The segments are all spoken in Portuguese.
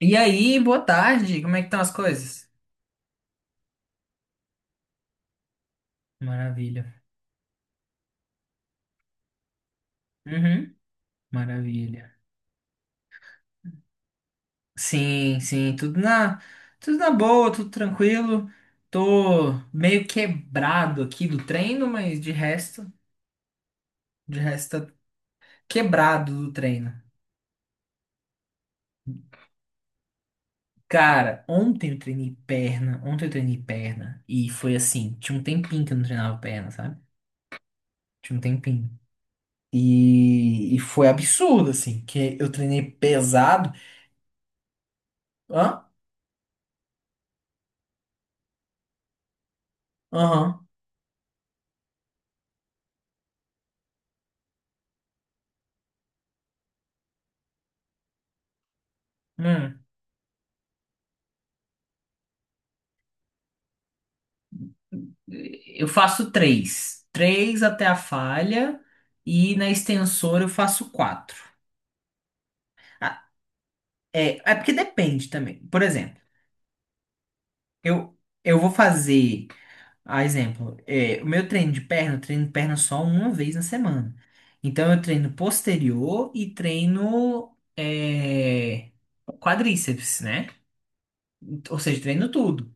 E aí, boa tarde, como é que estão as coisas? Maravilha, uhum, maravilha. Sim, sim, tudo na boa, tudo tranquilo. Tô meio quebrado aqui do treino, mas de resto, tá quebrado do treino. Cara, ontem eu treinei perna e foi assim, tinha um tempinho que eu não treinava perna, sabe? Tinha um tempinho. E foi absurdo, assim, que eu treinei pesado. Hã? Aham. Hum. Eu faço três. Três até a falha e na extensor eu faço quatro. Ah, É, porque depende também. Por exemplo, eu, eu vou fazer, a exemplo, o meu treino de perna, eu treino perna só uma vez na semana. Então eu treino posterior e treino quadríceps, né? Ou seja, treino tudo.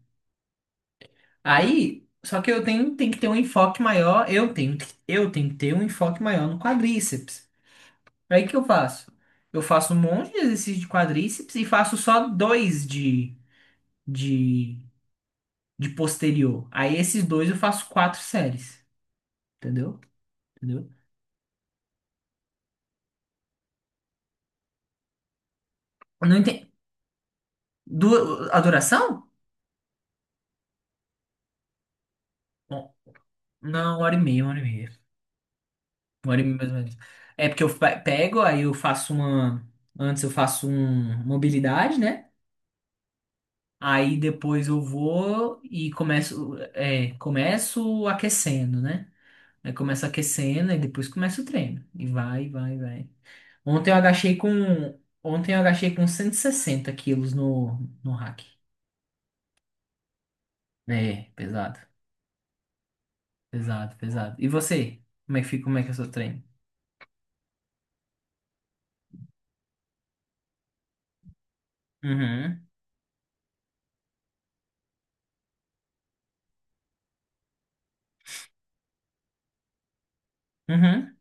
Aí, só que tenho que ter um enfoque maior, eu tenho que ter um enfoque maior no quadríceps. Aí o que eu faço? Eu faço um monte de exercício de quadríceps e faço só dois de, de posterior. Aí esses dois eu faço quatro séries. Entendeu? Entendeu? Eu não entendi. Du... A duração? Bom, não, uma hora e meia, uma hora e meia. Uma hora e meia mais ou menos. É porque pego, aí eu faço uma. Antes eu faço um mobilidade, né? Aí depois eu vou e começo, começo aquecendo, né? Aí começa aquecendo e depois começa o treino. E vai, vai, vai. Ontem eu agachei com. Ontem eu agachei com 160 quilos no hack. É, pesado. Pesado, pesado. E você? Como é que fica? Como é que é o seu treino? Uhum. Uhum.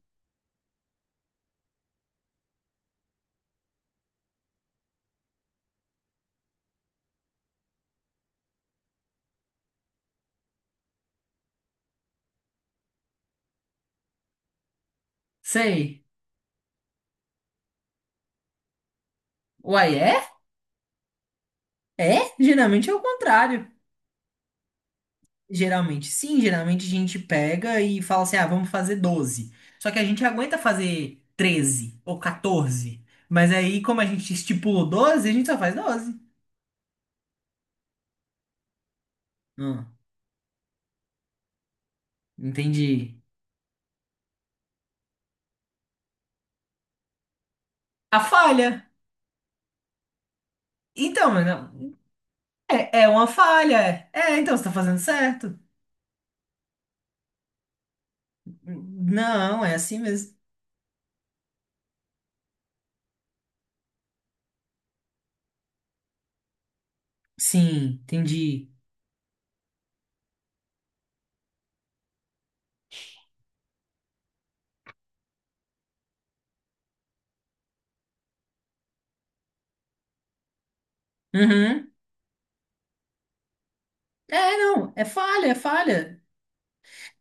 Sei. Uai, é? É? Geralmente é o contrário. Geralmente sim, geralmente a gente pega e fala assim: ah, vamos fazer 12. Só que a gente aguenta fazer 13 ou 14. Mas aí, como a gente estipulou 12, a gente só faz 12. Entendi. A falha. Então, mas não, é, é uma falha. Então você tá fazendo certo. Não, é assim mesmo. Sim, entendi. Uhum. É, não, é falha, é falha.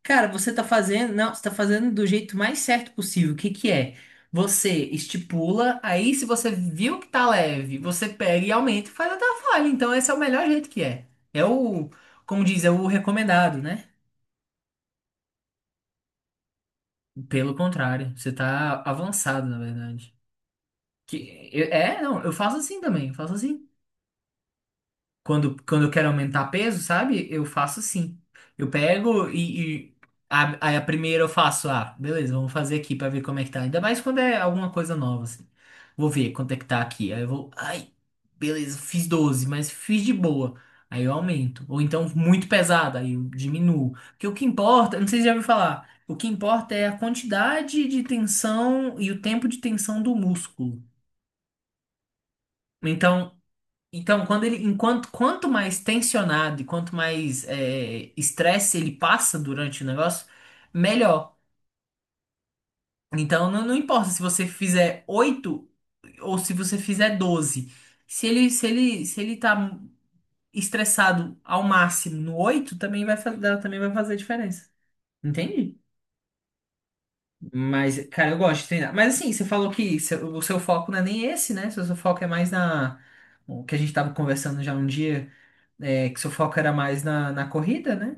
Cara, você tá fazendo, não, você tá fazendo do jeito mais certo possível. O que que é? Você estipula, aí se você viu que tá leve, você pega e aumenta e faz até a falha. Então esse é o melhor jeito que é. É o, como diz, é o recomendado, né? Pelo contrário, você tá avançado, na verdade. Que, não, eu faço assim também, eu faço assim. Quando eu quero aumentar peso, sabe? Eu faço assim. Eu pego e aí a primeira eu faço, ah, beleza, vamos fazer aqui pra ver como é que tá. Ainda mais quando é alguma coisa nova, assim. Vou ver quanto é que tá aqui. Aí eu vou, ai, beleza, fiz 12, mas fiz de boa. Aí eu aumento. Ou então muito pesado, aí eu diminuo. Porque o que importa, não sei se já ouviu falar, o que importa é a quantidade de tensão e o tempo de tensão do músculo. Então, Então, quanto mais tensionado e quanto mais estresse ele passa durante o negócio, melhor. Então, não importa se você fizer 8 ou se você fizer 12. Se ele tá estressado ao máximo no 8 também também vai fazer diferença. Entende? Mas, cara, eu gosto de treinar. Mas assim, você falou que o seu foco não é nem esse, né? Seu foco é mais na. O que a gente tava conversando já um dia, é, que seu foco era mais na corrida, né?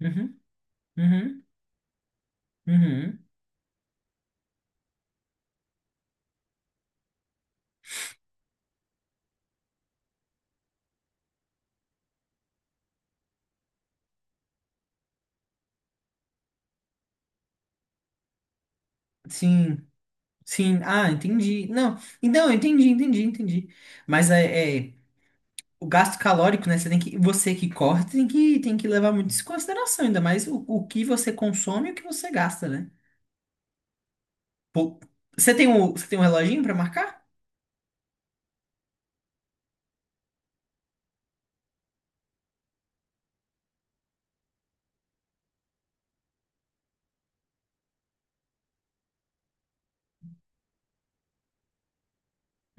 Uhum, uhum, uhum. Sim, sim. Ah, entendi. Não, então, eu entendi, entendi, entendi. Mas o gasto calórico, né? Você que corre tem que levar muito isso em consideração, ainda mais o que você consome e o que você gasta, né? Pô, você tem um reloginho pra marcar?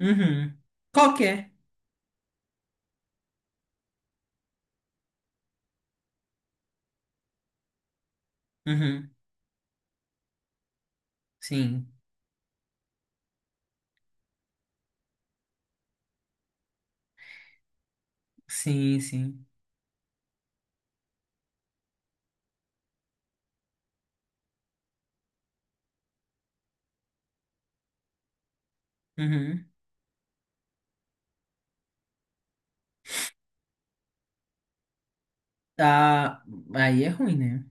Uhum. Qual que é? Uhum. Sim, sim, sim. Uhum. Tá. Aí é ruim, né?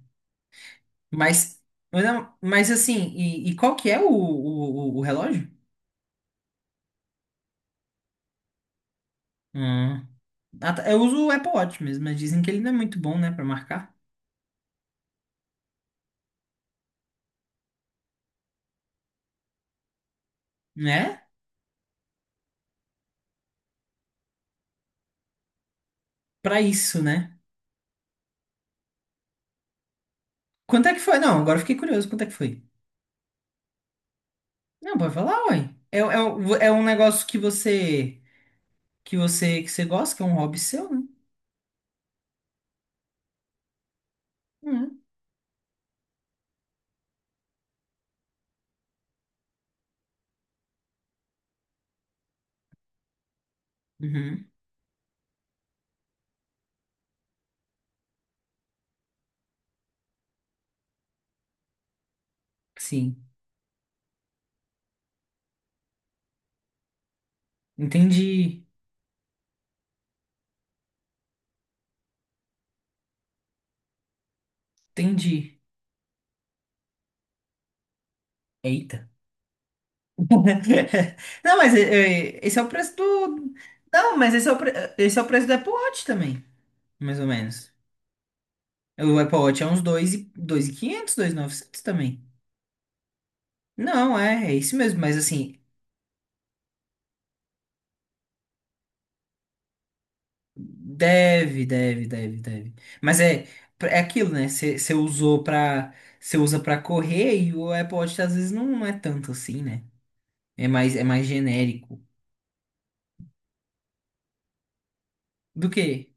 Mas, mas assim, e qual que é o o relógio? Hum. Ah, tá. Eu uso o Apple Watch mesmo, mas dizem que ele não é muito bom, né, pra marcar, né? Pra isso, né? Quanto é que foi? Não, agora eu fiquei curioso. Quanto é que foi? Não, pode falar, ué. É, é, é um negócio que você que você gosta, que é um hobby seu, né? Uhum. Uhum. Sim. Entendi. Entendi. Eita. Não, mas é, é, esse é o preço do. Não, mas esse é o, pre... esse é o preço do Apple Watch também, mais ou menos. O Apple Watch é uns 2 e 2.500, novecentos também. Não, é, isso mesmo, mas assim, deve, deve, deve, deve. Mas é aquilo, né? Você usou pra. Você usa pra correr e o Apple Watch às vezes não é tanto assim, né? É mais genérico. Do que?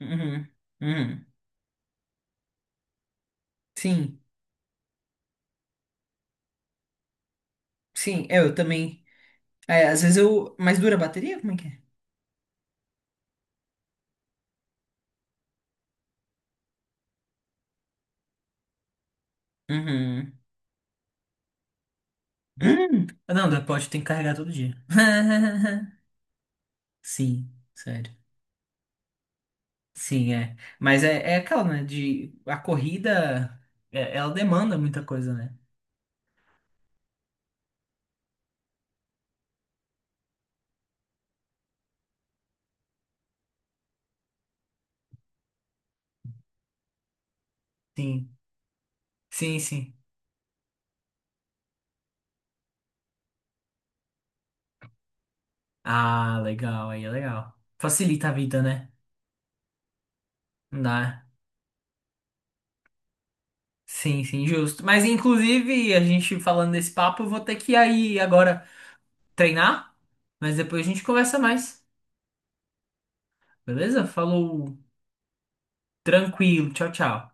Uhum, uhum. Sim, sim, é, eu também. É, às vezes eu. Mas dura a bateria? Como é que é? Uhum. Ah, não, do Apple Watch tem que carregar todo dia. Sim, sério. Sim, é. Mas é aquela, né? A corrida, ela demanda muita coisa, né? Sim, sim, sim. Ah, legal, aí é legal. Facilita a vida, né? Não dá. Sim, sim, justo. Mas inclusive, a gente falando desse papo, eu vou ter que ir aí agora treinar, mas depois a gente conversa mais. Beleza? Falou, tranquilo, tchau, tchau.